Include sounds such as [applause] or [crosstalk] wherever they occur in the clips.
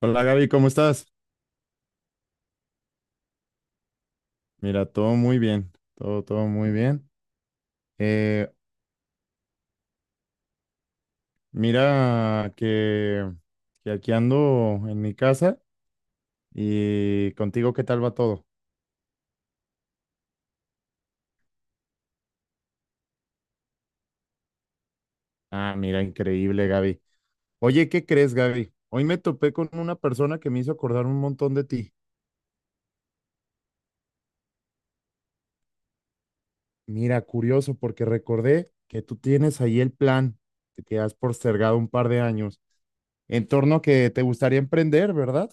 Hola Gaby, ¿cómo estás? Mira, todo muy bien, todo, todo muy bien. Eh, mira que, que aquí ando en mi casa y contigo, ¿qué tal va todo? Ah, mira, increíble Gaby. Oye, ¿qué crees Gaby? Hoy me topé con una persona que me hizo acordar un montón de ti. Mira, curioso, porque recordé que tú tienes ahí el plan que has postergado un par de años en torno a que te gustaría emprender, ¿verdad?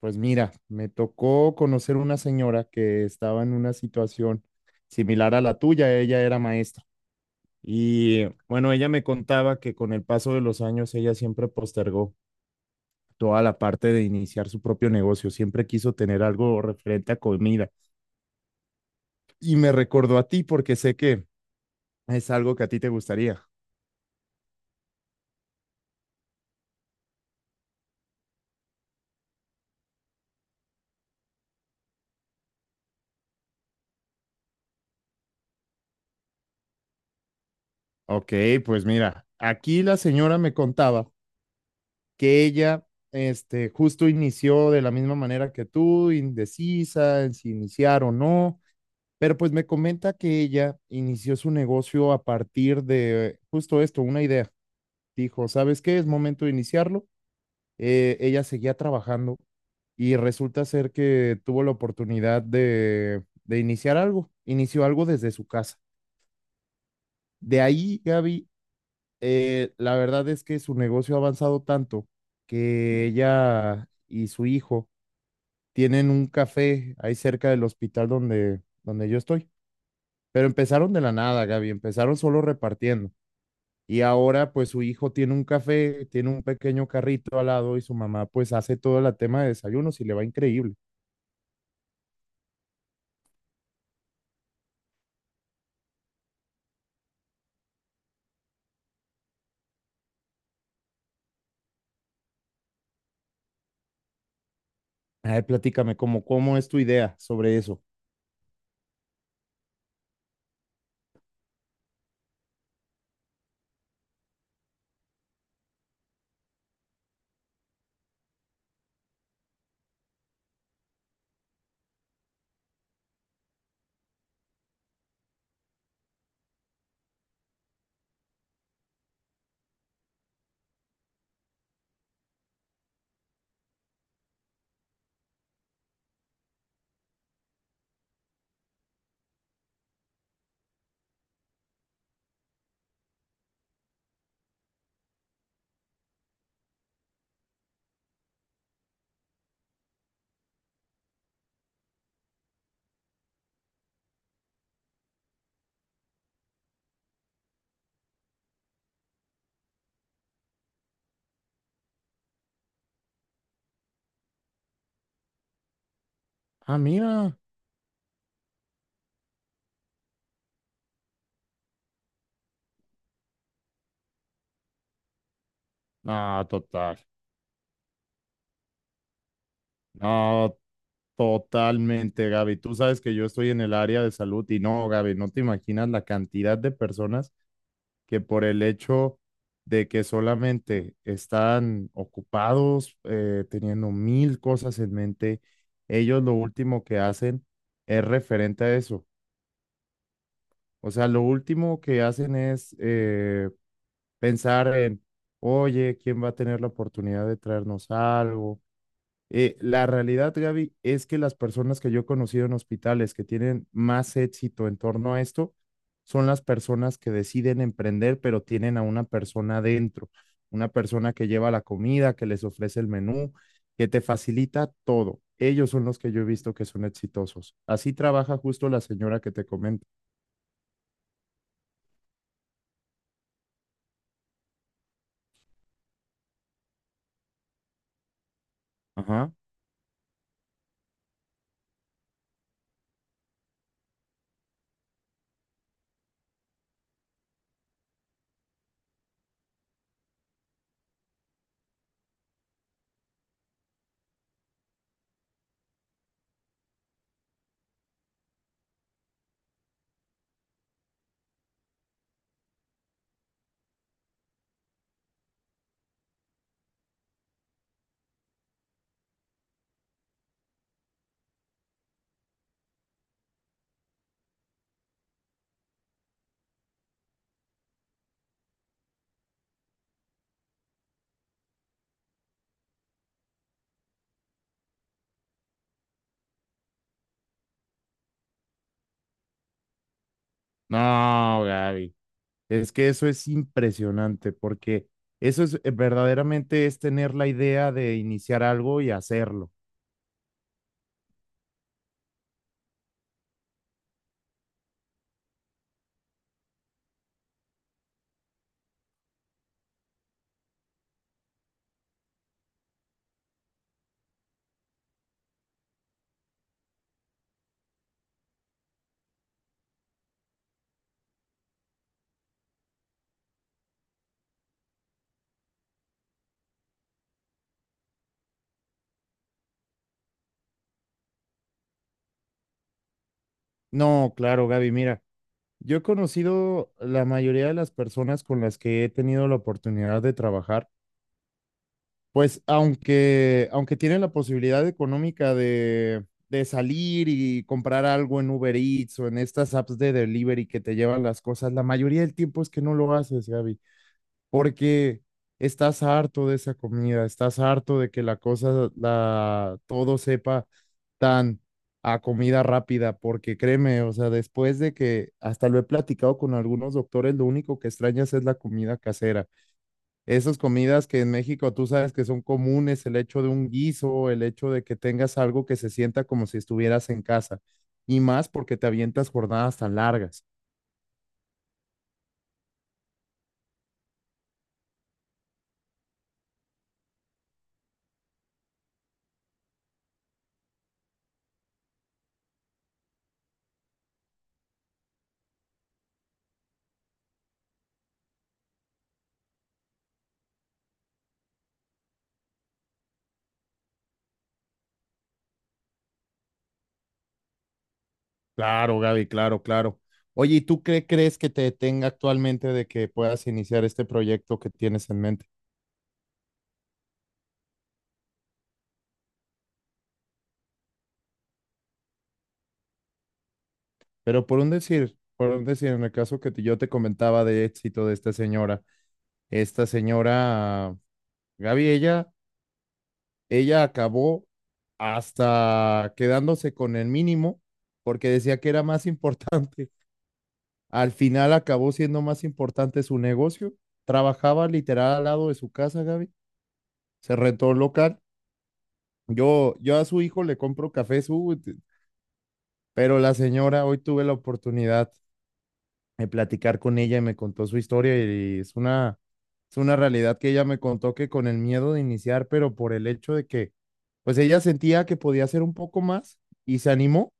Pues mira, me tocó conocer una señora que estaba en una situación similar a la tuya, ella era maestra. Y bueno, ella me contaba que con el paso de los años ella siempre postergó toda la parte de iniciar su propio negocio, siempre quiso tener algo referente a comida. Y me recordó a ti porque sé que es algo que a ti te gustaría. Ok, pues mira, aquí la señora me contaba que ella justo inició de la misma manera que tú, indecisa en si iniciar o no, pero pues me comenta que ella inició su negocio a partir de justo esto, una idea. Dijo, ¿sabes qué? Es momento de iniciarlo. Ella seguía trabajando y resulta ser que tuvo la oportunidad de iniciar algo, inició algo desde su casa. De ahí, Gaby, la verdad es que su negocio ha avanzado tanto que ella y su hijo tienen un café ahí cerca del hospital donde yo estoy. Pero empezaron de la nada, Gaby, empezaron solo repartiendo. Y ahora pues su hijo tiene un café, tiene un pequeño carrito al lado y su mamá pues hace todo el tema de desayunos y le va increíble. Ay, platícame, ¿cómo es tu idea sobre eso? Ah, mira. No, total. No, totalmente, Gaby. Tú sabes que yo estoy en el área de salud y no, Gaby, no te imaginas la cantidad de personas que por el hecho de que solamente están ocupados, teniendo mil cosas en mente, ellos lo último que hacen es referente a eso. O sea, lo último que hacen es pensar en, oye, ¿quién va a tener la oportunidad de traernos algo? La realidad, Gaby, es que las personas que yo he conocido en hospitales que tienen más éxito en torno a esto son las personas que deciden emprender, pero tienen a una persona dentro, una persona que lleva la comida, que les ofrece el menú, que te facilita todo. Ellos son los que yo he visto que son exitosos. Así trabaja justo la señora que te comento. Ajá. No, Gaby. Es que eso es impresionante porque eso es verdaderamente es tener la idea de iniciar algo y hacerlo. No, claro, Gaby, mira, yo he conocido la mayoría de las personas con las que he tenido la oportunidad de trabajar, pues aunque tienen la posibilidad económica de salir y comprar algo en Uber Eats o en estas apps de delivery que te llevan las cosas, la mayoría del tiempo es que no lo haces, Gaby, porque estás harto de esa comida, estás harto de que la cosa, la, todo sepa tan a comida rápida, porque créeme, o sea, después de que hasta lo he platicado con algunos doctores, lo único que extrañas es la comida casera. Esas comidas que en México tú sabes que son comunes, el hecho de un guiso, el hecho de que tengas algo que se sienta como si estuvieras en casa, y más porque te avientas jornadas tan largas. Claro, Gaby, claro, claro. Oye, ¿y tú qué crees que te detenga actualmente de que puedas iniciar este proyecto que tienes en mente? Pero por un decir, en el caso yo te comentaba de éxito de esta señora, Gaby, ella acabó hasta quedándose con el mínimo porque decía que era más [laughs] importante. Al final acabó siendo más importante su negocio. Trabajaba literal al lado de su casa, Gaby. Se rentó un local. Yo a su hijo le compro café, pero la señora, hoy tuve la oportunidad de platicar con ella y me contó su historia y es una realidad que ella me contó que con el miedo de iniciar, pero por el hecho de que, pues ella sentía que podía hacer un poco más y se animó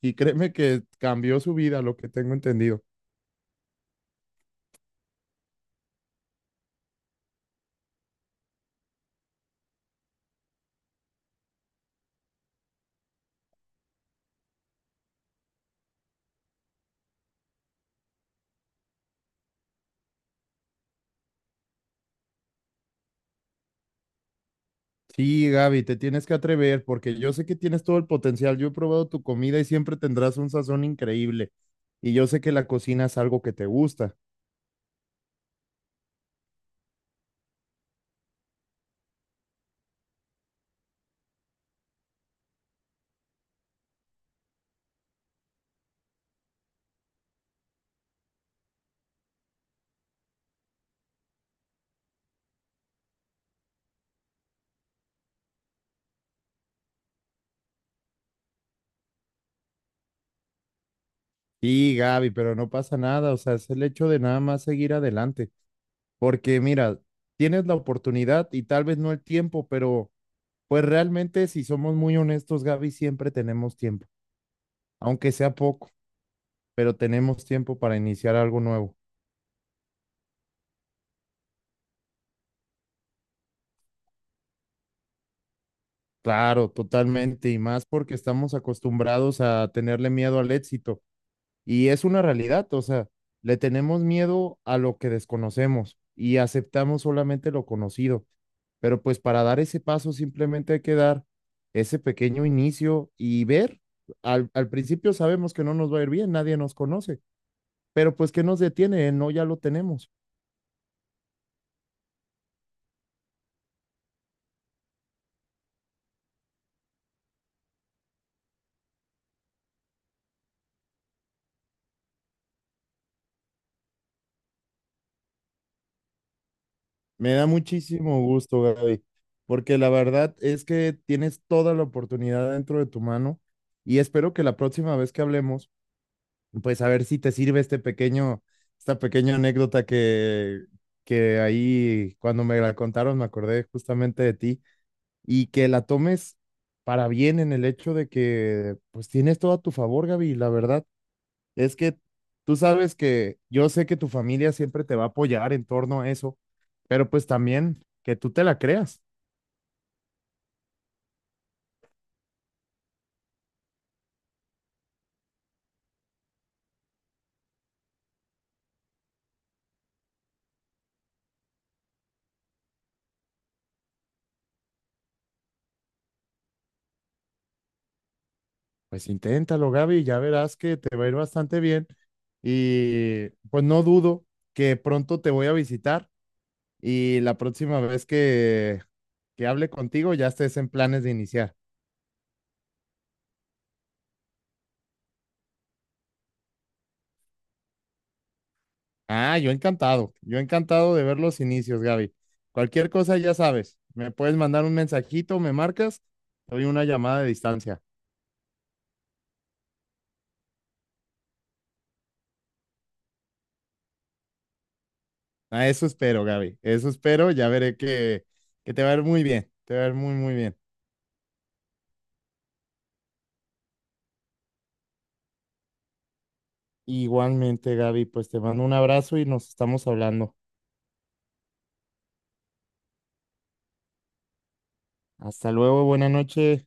y créeme que cambió su vida, lo que tengo entendido. Sí, Gaby, te tienes que atrever porque yo sé que tienes todo el potencial. Yo he probado tu comida y siempre tendrás un sazón increíble. Y yo sé que la cocina es algo que te gusta. Sí, Gaby, pero no pasa nada, o sea, es el hecho de nada más seguir adelante, porque mira, tienes la oportunidad y tal vez no el tiempo, pero pues realmente si somos muy honestos, Gaby, siempre tenemos tiempo, aunque sea poco, pero tenemos tiempo para iniciar algo nuevo. Claro, totalmente, y más porque estamos acostumbrados a tenerle miedo al éxito, y es una realidad, o sea, le tenemos miedo a lo que desconocemos y aceptamos solamente lo conocido. Pero pues para dar ese paso simplemente hay que dar ese pequeño inicio y ver. Al principio sabemos que no nos va a ir bien, nadie nos conoce, pero pues ¿qué nos detiene? El No, ya lo tenemos. Me da muchísimo gusto, Gaby, porque la verdad es que tienes toda la oportunidad dentro de tu mano y espero que la próxima vez que hablemos, pues a ver si te sirve este pequeño, esta pequeña anécdota que ahí cuando me la contaron me acordé justamente de ti y que la tomes para bien en el hecho de que pues tienes todo a tu favor, Gaby. La verdad es que tú sabes que yo sé que tu familia siempre te va a apoyar en torno a eso, pero pues también que tú te la creas. Pues inténtalo, Gaby, ya verás que te va a ir bastante bien y pues no dudo que pronto te voy a visitar y la próxima vez que hable contigo ya estés en planes de iniciar. Ah, yo encantado de ver los inicios, Gaby. Cualquier cosa ya sabes, me puedes mandar un mensajito, me marcas, te doy una llamada de distancia. A eso espero, Gaby, eso espero, ya veré que te va a ir muy bien, te va a ir muy, muy bien. Igualmente, Gaby, pues te mando un abrazo y nos estamos hablando. Hasta luego, buena noche.